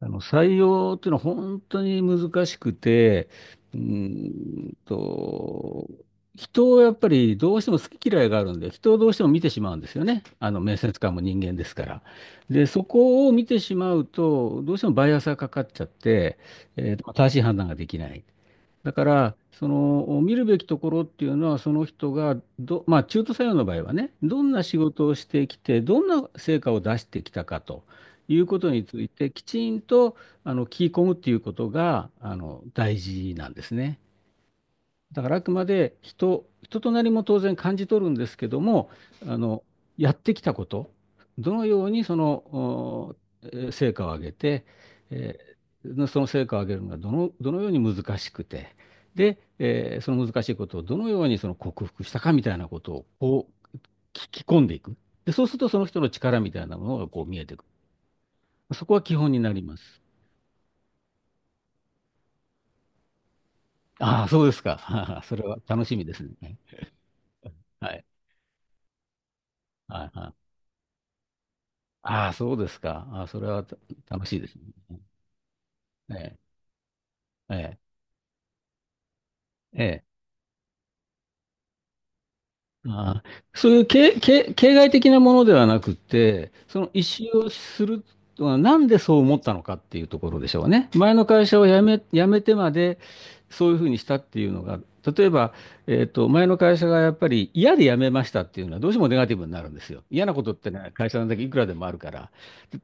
あの採用っていうのは本当に難しくて、うーんと、人をやっぱりどうしても好き嫌いがあるんで、人をどうしても見てしまうんですよね。あの面接官も人間ですから。で、そこを見てしまうと、どうしてもバイアスがかかっちゃって、正しい判断ができない。だから、その見るべきところっていうのは、その人がど、まあ、中途採用の場合はね、どんな仕事をしてきて、どんな成果を出してきたかということについて、きちんとあの聞き込むっていうことがあの大事なんですね。だからあくまで人となりも当然感じ取るんですけども、あの、やってきたこと、どのようにその、成果を上げて、えーその成果を上げるのがどのように難しくて、で、その難しいことをどのようにその克服したかみたいなことをこう聞き込んでいく。で、そうするとその人の力みたいなものがこう見えてくる。そこは基本になります。ああ、そうですか。それは楽しみですね。はい。はいはい、ああ、そうですか。ああ、それはた楽しいですね。ええ、ええ、えああ、そういう形骸的なものではなくて、その意思をするのはなんでそう思ったのかっていうところでしょうね。前の会社を辞め、辞めてまでそういうふうにしたっていうのが、例えば、前の会社がやっぱり嫌で辞めましたっていうのはどうしてもネガティブになるんですよ。嫌なことってね、会社なんだけいくらでもあるから。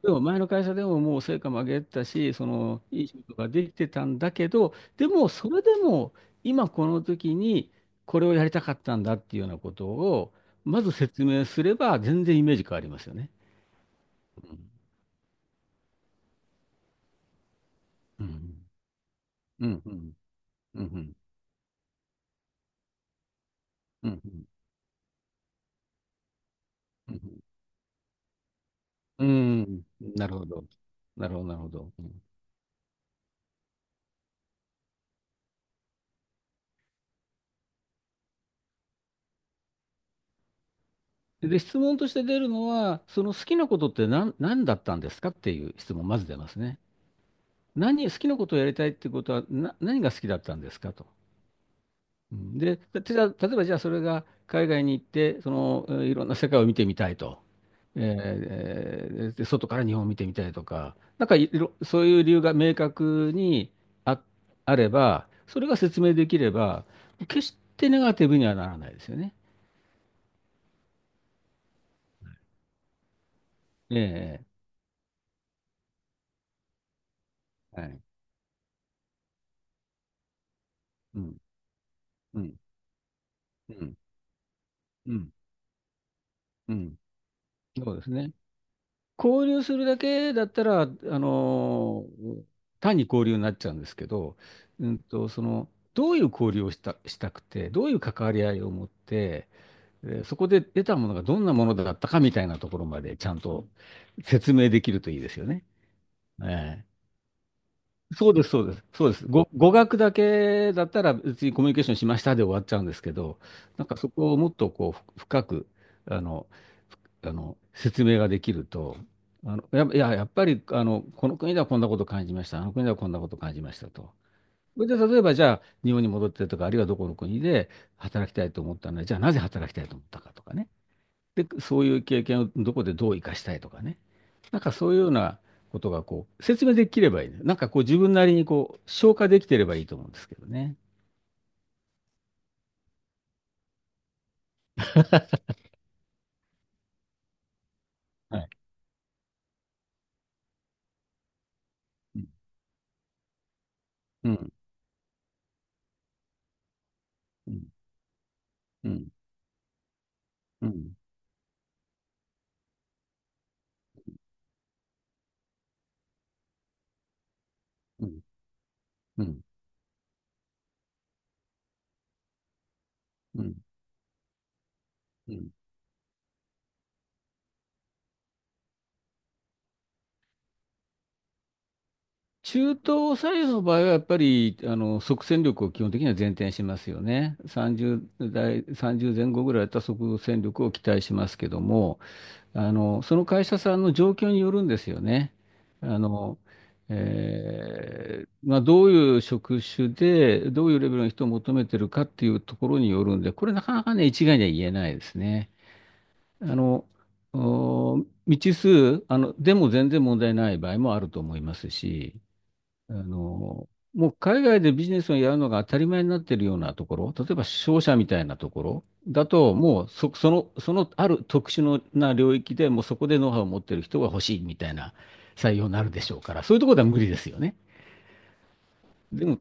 でも前の会社でももう成果も上げてたし、そのいい仕事ができてたんだけど、でもそれでも今この時に、これをやりたかったんだっていうようなことを、まず説明すれば全然イメージ変わりますよね。うん。うん。うん。うん。うん。うん。うん。うん、なるほど。なるほど、なるほど。うん。で、質問として出るのは、その好きなことって何だったんですかっていう質問、まず出ますね。好きなことをやりたいってことは、何が好きだったんですかと。うん。で、たじゃあ例えばじゃあそれが海外に行って、その、いろんな世界を見てみたいと。えで、外から日本を見てみたいとか、なんかいろ、そういう理由が明確にあ、あれば、それが説明できれば、決してネガティブにはならないですよね。ええ。はい。うん、うん、うん、うん、うん。そうですね。交流するだけだったら、のー単に交流になっちゃうんですけど、その、どういう交流をした、したくて、どういう関わり合いを持って、で、そこで得たものがどんなものだったかみたいなところまでちゃんと説明できるといいですよね。ええ、そうです、そうです、そうです。語学だけだったら別にコミュニケーションしましたで終わっちゃうんですけど、なんかそこをもっとこう深く、あの、あの説明ができると、あの、や、いや、やっぱりあの、この国ではこんなこと感じました、あの国ではこんなこと感じましたと。それで例えばじゃあ日本に戻ってとか、あるいはどこの国で働きたいと思ったので、じゃあなぜ働きたいと思ったかとかね。で、そういう経験をどこでどう生かしたいとかね。なんかそういうようなことがこう、説明できればいいね。なんかこう自分なりにこう、消化できてればいいと思うんですけどね。はい。うん。うん。うん。うん。うん。うん。うん。うん。中東左右の場合はやっぱり、あの、即戦力を基本的には前提にしますよね。30代、30前後ぐらいだったら即戦力を期待しますけども、あの、その会社さんの状況によるんですよね。あの、まあ、どういう職種で、どういうレベルの人を求めてるかっていうところによるんで、これなかなかね、一概には言えないですね。あの、お未知数、あの、でも全然問題ない場合もあると思いますし、あの、もう海外でビジネスをやるのが当たり前になっているようなところ、例えば商社みたいなところだと、もうそ、その、そのある特殊のな領域でもうそこでノウハウを持っている人が欲しいみたいな採用になるでしょうから、そういうところでは無理ですよね。でも、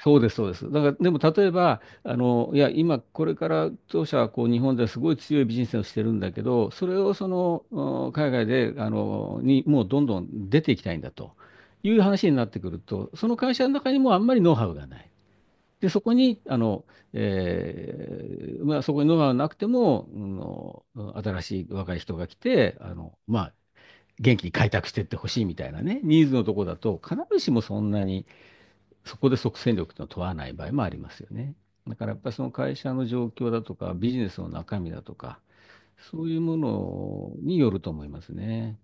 そうです、そうです。だから、でも例えば、あの、いや、今、これから当社はこう日本ですごい強いビジネスをしてるんだけど、それをその海外で、もうどんどん出ていきたいんだという話になってくると、その会社の中にもうあんまりノウハウがない。で、そこに、あの、まあ、そこにノウハウなくても、うん、新しい若い人が来て、あの、まあ、元気に開拓していってほしいみたいなね、ニーズのとこだと、必ずしもそんなに。そこで即戦力というのを問わない場合もありますよね。だからやっぱりその会社の状況だとか、ビジネスの中身だとか、そういうものによると思いますね。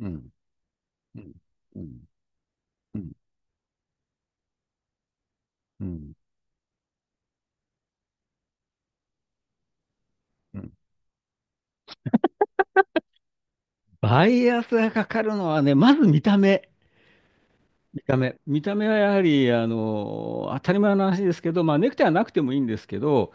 うん。うん。うん。うん。うん。バイアスがかかるのはね、まず見た目。見た目。見た目はやはり、あの、当たり前の話ですけど、まあ、ネクタイはなくてもいいんですけど、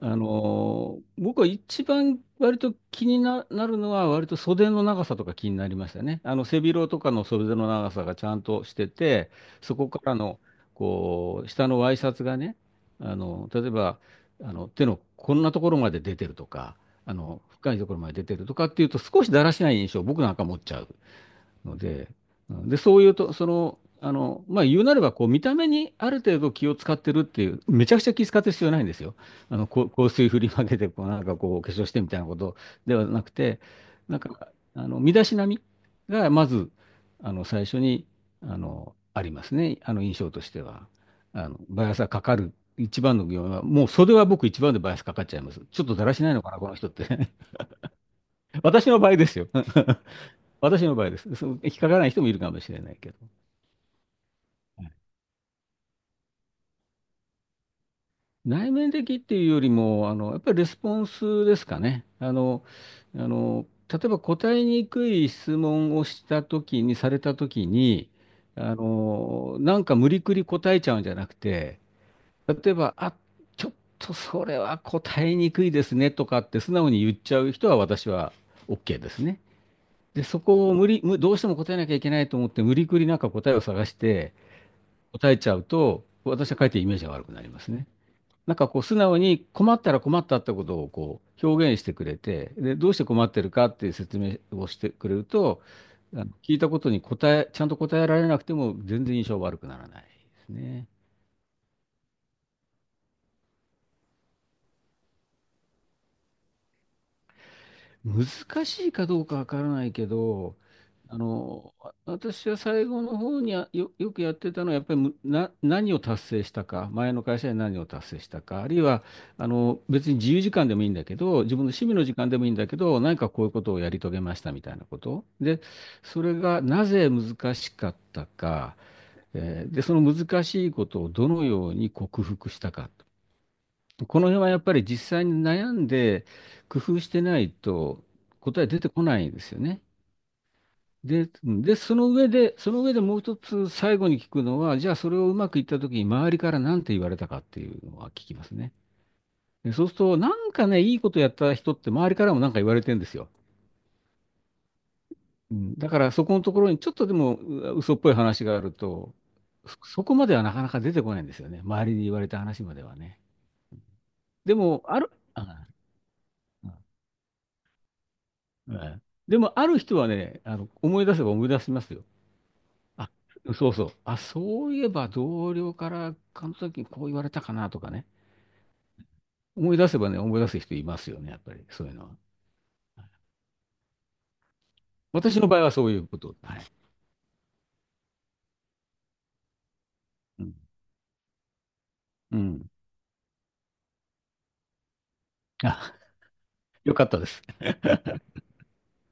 あの、僕は一番割と気にな、なるのは、割と袖の長さとか気になりましたね。あの、背広とかの袖の長さがちゃんとしてて、そこからの、こう、下のワイシャツがね、あの、例えば、あの、手のこんなところまで出てるとか、あの、深いところまで出てるとかっていうと、少しだらしない印象を僕なんか持っちゃう。ので、で、そういうと、その、あの、まあ、言うなれば、こう、見た目にある程度気を使ってるっていう、めちゃくちゃ気使ってる必要ないんですよ。あの、こう香水振りまけて、こう、なんかこう、お化粧してみたいなことではなくて、なんか、あの、身だしなみが、まず、あの、最初に、あの、ありますね。あの、印象としては。あの、バイアスがかかる。一番の要因は、もう袖は僕一番でバイアスかかっちゃいます。ちょっとだらしないのかな、この人って。私の場合ですよ。私の場合です。その引っかからない人もいるかもしれないけど。はい。内面的っていうよりも、あの、やっぱりレスポンスですかね。あの、あの、例えば答えにくい質問をしたときに、されたときに、あの、なんか無理くり答えちゃうんじゃなくて、例えば、ちょっとそれは答えにくいですねとかって素直に言っちゃう人は私は OK ですね。で、そこを無理、むどうしても答えなきゃいけないと思って、無理くりなんか答えを探して、答えちゃうと、私はかえってイメージが悪くなりますね。なんかこう素直に困ったら困ったってことをこう表現してくれて、で、どうして困ってるかっていう説明をしてくれると、あの聞いたことに答え、ちゃんと答えられなくても全然印象悪くならないですね。難しいかどうかわからないけど、あの、私は最後の方によくやってたのは、やっぱり何を達成したか、前の会社で何を達成したか、あるいは、あの、別に自由時間でもいいんだけど、自分の趣味の時間でもいいんだけど、何かこういうことをやり遂げましたみたいなこと。で、それがなぜ難しかったか、で、その難しいことをどのように克服したか。この辺はやっぱり実際に悩んで工夫してないと答え出てこないんですよね。で、その上でもう一つ最後に聞くのは、じゃあそれをうまくいった時に周りから何て言われたかっていうのは聞きますね。で、そうすると、なんかね、いいことやった人って周りからも何か言われてるんですよ。うん、だからそこのところにちょっとでもう嘘っぽい話があると、そこまではなかなか出てこないんですよね。周りに言われた話まではね。でも、ある、あええ。でも、ある人はね、あの、思い出せば思い出しますよ。あ、そうそう。あ、そういえば同僚からあの時こう言われたかなとかね。思い出せばね、思い出す人いますよね、やっぱり、そういうのは。私の場合はそういうこと。はい。うん。うん。あ、よかったです。